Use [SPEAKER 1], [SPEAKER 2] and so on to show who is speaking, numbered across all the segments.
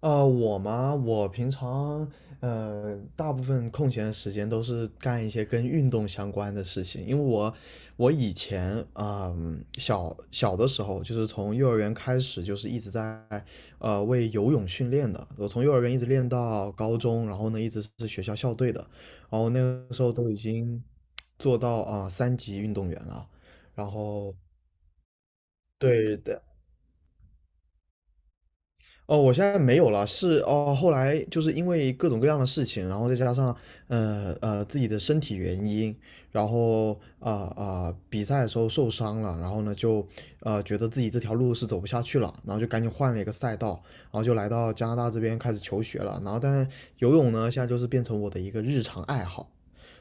[SPEAKER 1] 我嘛，我平常大部分空闲的时间都是干一些跟运动相关的事情，因为我以前小小的时候，就是从幼儿园开始，就是一直在为游泳训练的。我从幼儿园一直练到高中，然后呢一直是学校校队的，然后那个时候都已经做到3级运动员了。然后对，的。哦，我现在没有了，是哦，后来就是因为各种各样的事情，然后再加上自己的身体原因，然后比赛的时候受伤了，然后呢就觉得自己这条路是走不下去了，然后就赶紧换了一个赛道，然后就来到加拿大这边开始求学了，然后但是游泳呢现在就是变成我的一个日常爱好。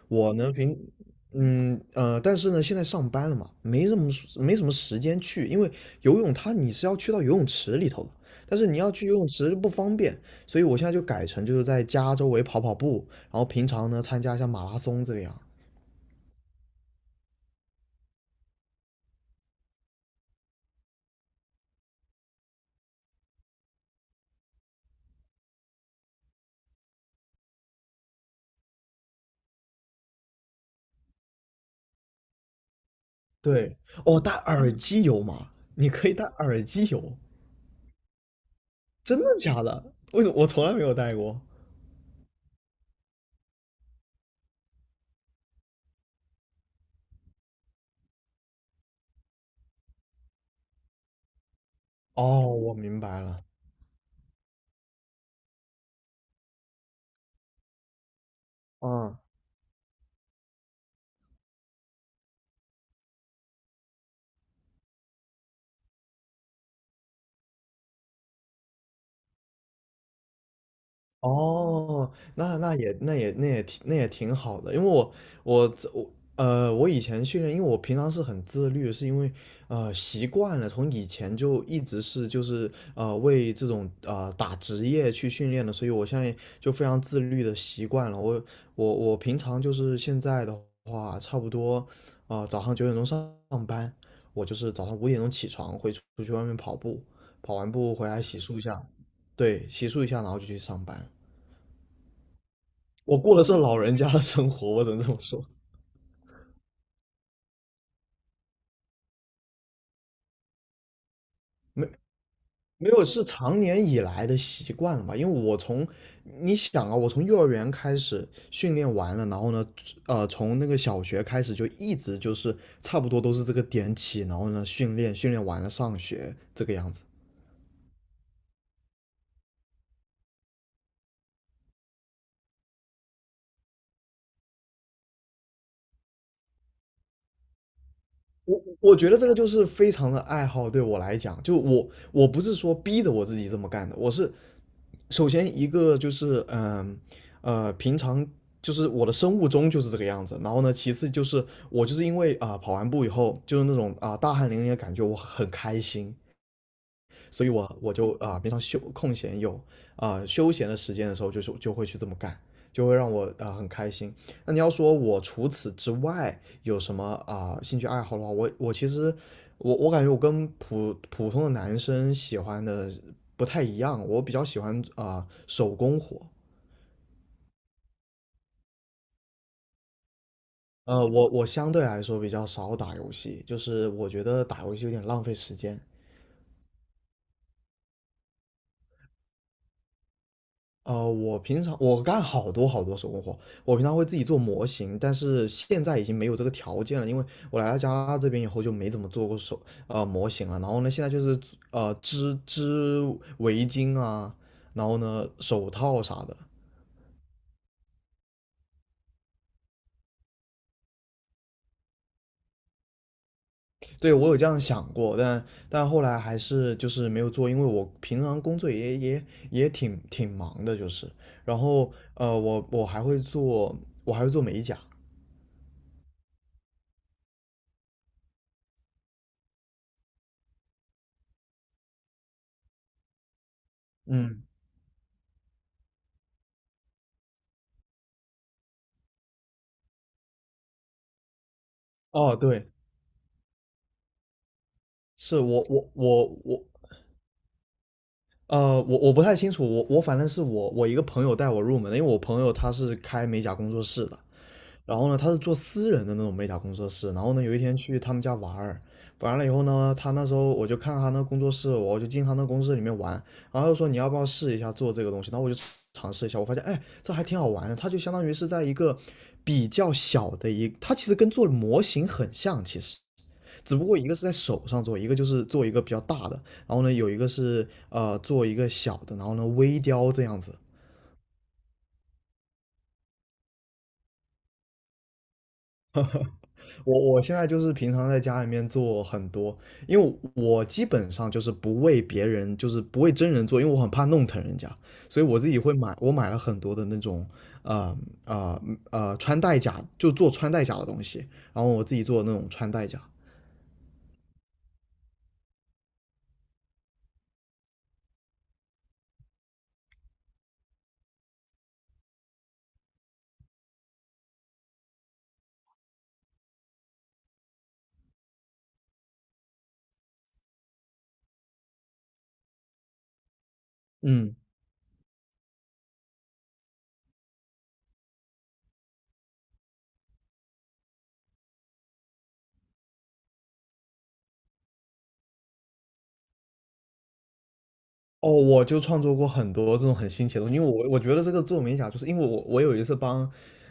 [SPEAKER 1] 我呢平，嗯呃，但是呢，现在上班了嘛，没什么时间去，因为游泳它你是要去到游泳池里头的，但是你要去游泳池不方便，所以我现在就改成就是在家周围跑跑步，然后平常呢参加一下马拉松这样。对，哦，戴耳机游嘛，你可以戴耳机游，真的假的？为什么我从来没有戴过？哦，我明白了。嗯。哦，那也挺好的，因为我我这我呃我以前训练，因为我平常是很自律，是因为习惯了，从以前就一直是为这种打职业去训练的，所以我现在就非常自律的习惯了。我平常就是现在的话，差不多早上9点钟上班，我就是早上5点钟起床，会出去外面跑步，跑完步回来洗漱一下，对，洗漱一下，然后就去上班。我过的是老人家的生活，我只能这么说。没没有是常年以来的习惯了吧？因为你想啊，我从幼儿园开始训练完了，然后呢，从那个小学开始就一直就是差不多都是这个点起，然后呢训练完了上学这个样子。我觉得这个就是非常的爱好，对我来讲，就我不是说逼着我自己这么干的，我是首先一个就是平常就是我的生物钟就是这个样子，然后呢，其次就是我就是因为跑完步以后就是那种大汗淋漓的感觉，我很开心，所以我就平常空闲有休闲的时间的时候，就是就会去这么干，就会让我很开心。那你要说我除此之外有什么兴趣爱好的话，我其实我感觉我跟普通的男生喜欢的不太一样，我比较喜欢手工活。我相对来说比较少打游戏，就是我觉得打游戏有点浪费时间。我平常我干好多好多手工活，我平常会自己做模型，但是现在已经没有这个条件了，因为我来到加拿大这边以后就没怎么做过模型了。然后呢，现在就是织围巾啊，然后呢手套啥的。对，我有这样想过，但后来还是就是没有做，因为我平常工作也挺忙的，就是。然后我还会做美甲。嗯，哦，对，是我不太清楚，我反正是我一个朋友带我入门的，因为我朋友他是开美甲工作室的，然后呢他是做私人的那种美甲工作室，然后呢有一天去他们家玩儿，完了以后呢，他那时候我就看他那工作室，我就进他那工作室里面玩，然后又说你要不要试一下做这个东西，然后我就尝试一下，我发现哎这还挺好玩的，它就相当于是在一个比较小的它其实跟做模型很像，其实。只不过一个是在手上做，一个就是做一个比较大的，然后呢，有一个是做一个小的，然后呢微雕这样子。我现在就是平常在家里面做很多，因为我基本上就是不为别人，就是不为真人做，因为我很怕弄疼人家，所以我自己会买，我买了很多的那种呃呃穿戴甲，就做穿戴甲的东西，然后我自己做那种穿戴甲。嗯，哦，我就创作过很多这种很新奇的东西，因为我觉得这个做美甲，就是因为我有一次帮，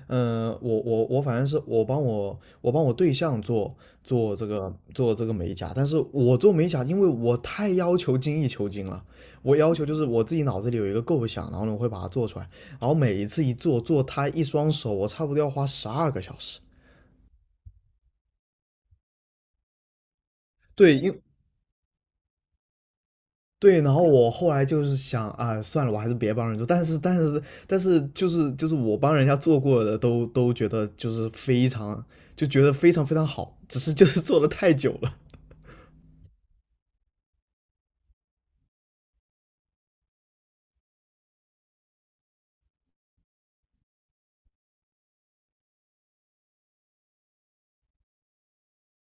[SPEAKER 1] 我反正是我帮我对象做这个美甲，但是我做美甲，因为我太要求精益求精了，我要求就是我自己脑子里有一个构想，然后呢我会把它做出来，然后每一次做它一双手，我差不多要花12个小时。对，对，然后我后来就是想啊，算了，我还是别帮人做。但是，就是我帮人家做过的都觉得就是非常，就觉得非常非常好，只是就是做的太久了。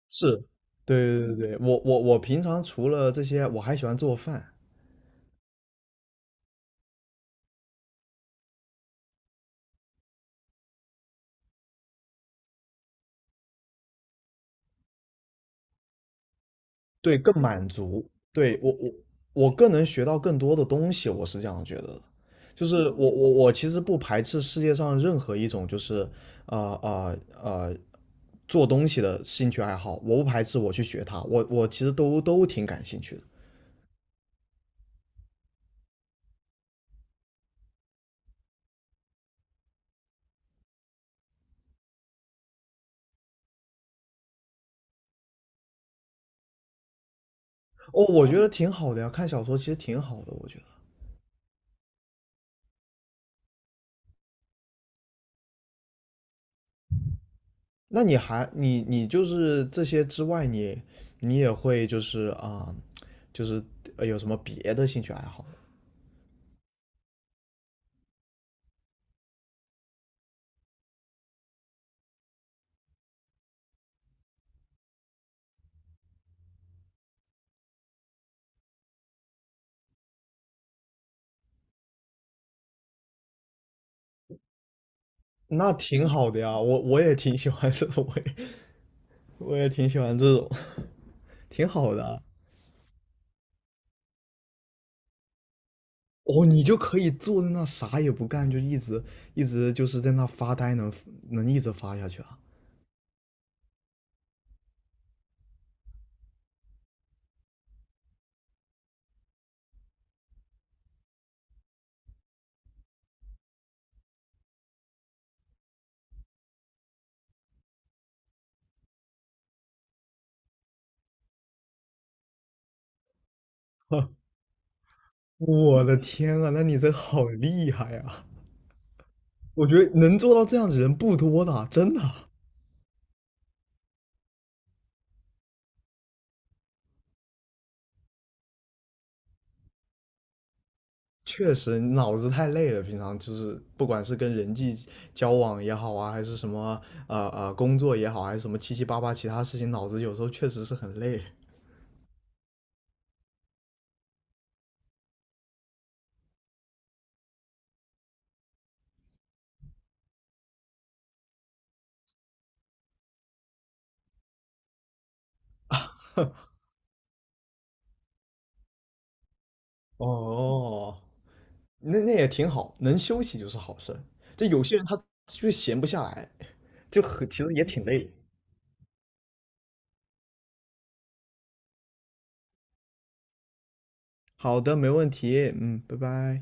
[SPEAKER 1] 是，对对对对，我平常除了这些，我还喜欢做饭。对，更满足。对，我更能学到更多的东西，我是这样觉得的。就是我其实不排斥世界上任何一种就是呃呃呃做东西的兴趣爱好，我不排斥我去学它，我其实都挺感兴趣的。哦，我觉得挺好的呀，看小说其实挺好的，我觉得。那你还你就是这些之外你也会就是就是有什么别的兴趣爱好吗？那挺好的呀，我也挺喜欢这种，我也挺喜欢这种，挺好的啊。哦，你就可以坐在那啥也不干，就一直就是在那发呆能一直发下去啊！我的天啊，那你这好厉害啊！我觉得能做到这样的人不多的啊，真的啊。确实脑子太累了，平常就是不管是跟人际交往也好啊，还是什么工作也好，还是什么七七八八其他事情，脑子有时候确实是很累。哦，那那也挺好，能休息就是好事。这有些人他就是闲不下来，就很，其实也挺累。好的，没问题。嗯，拜拜。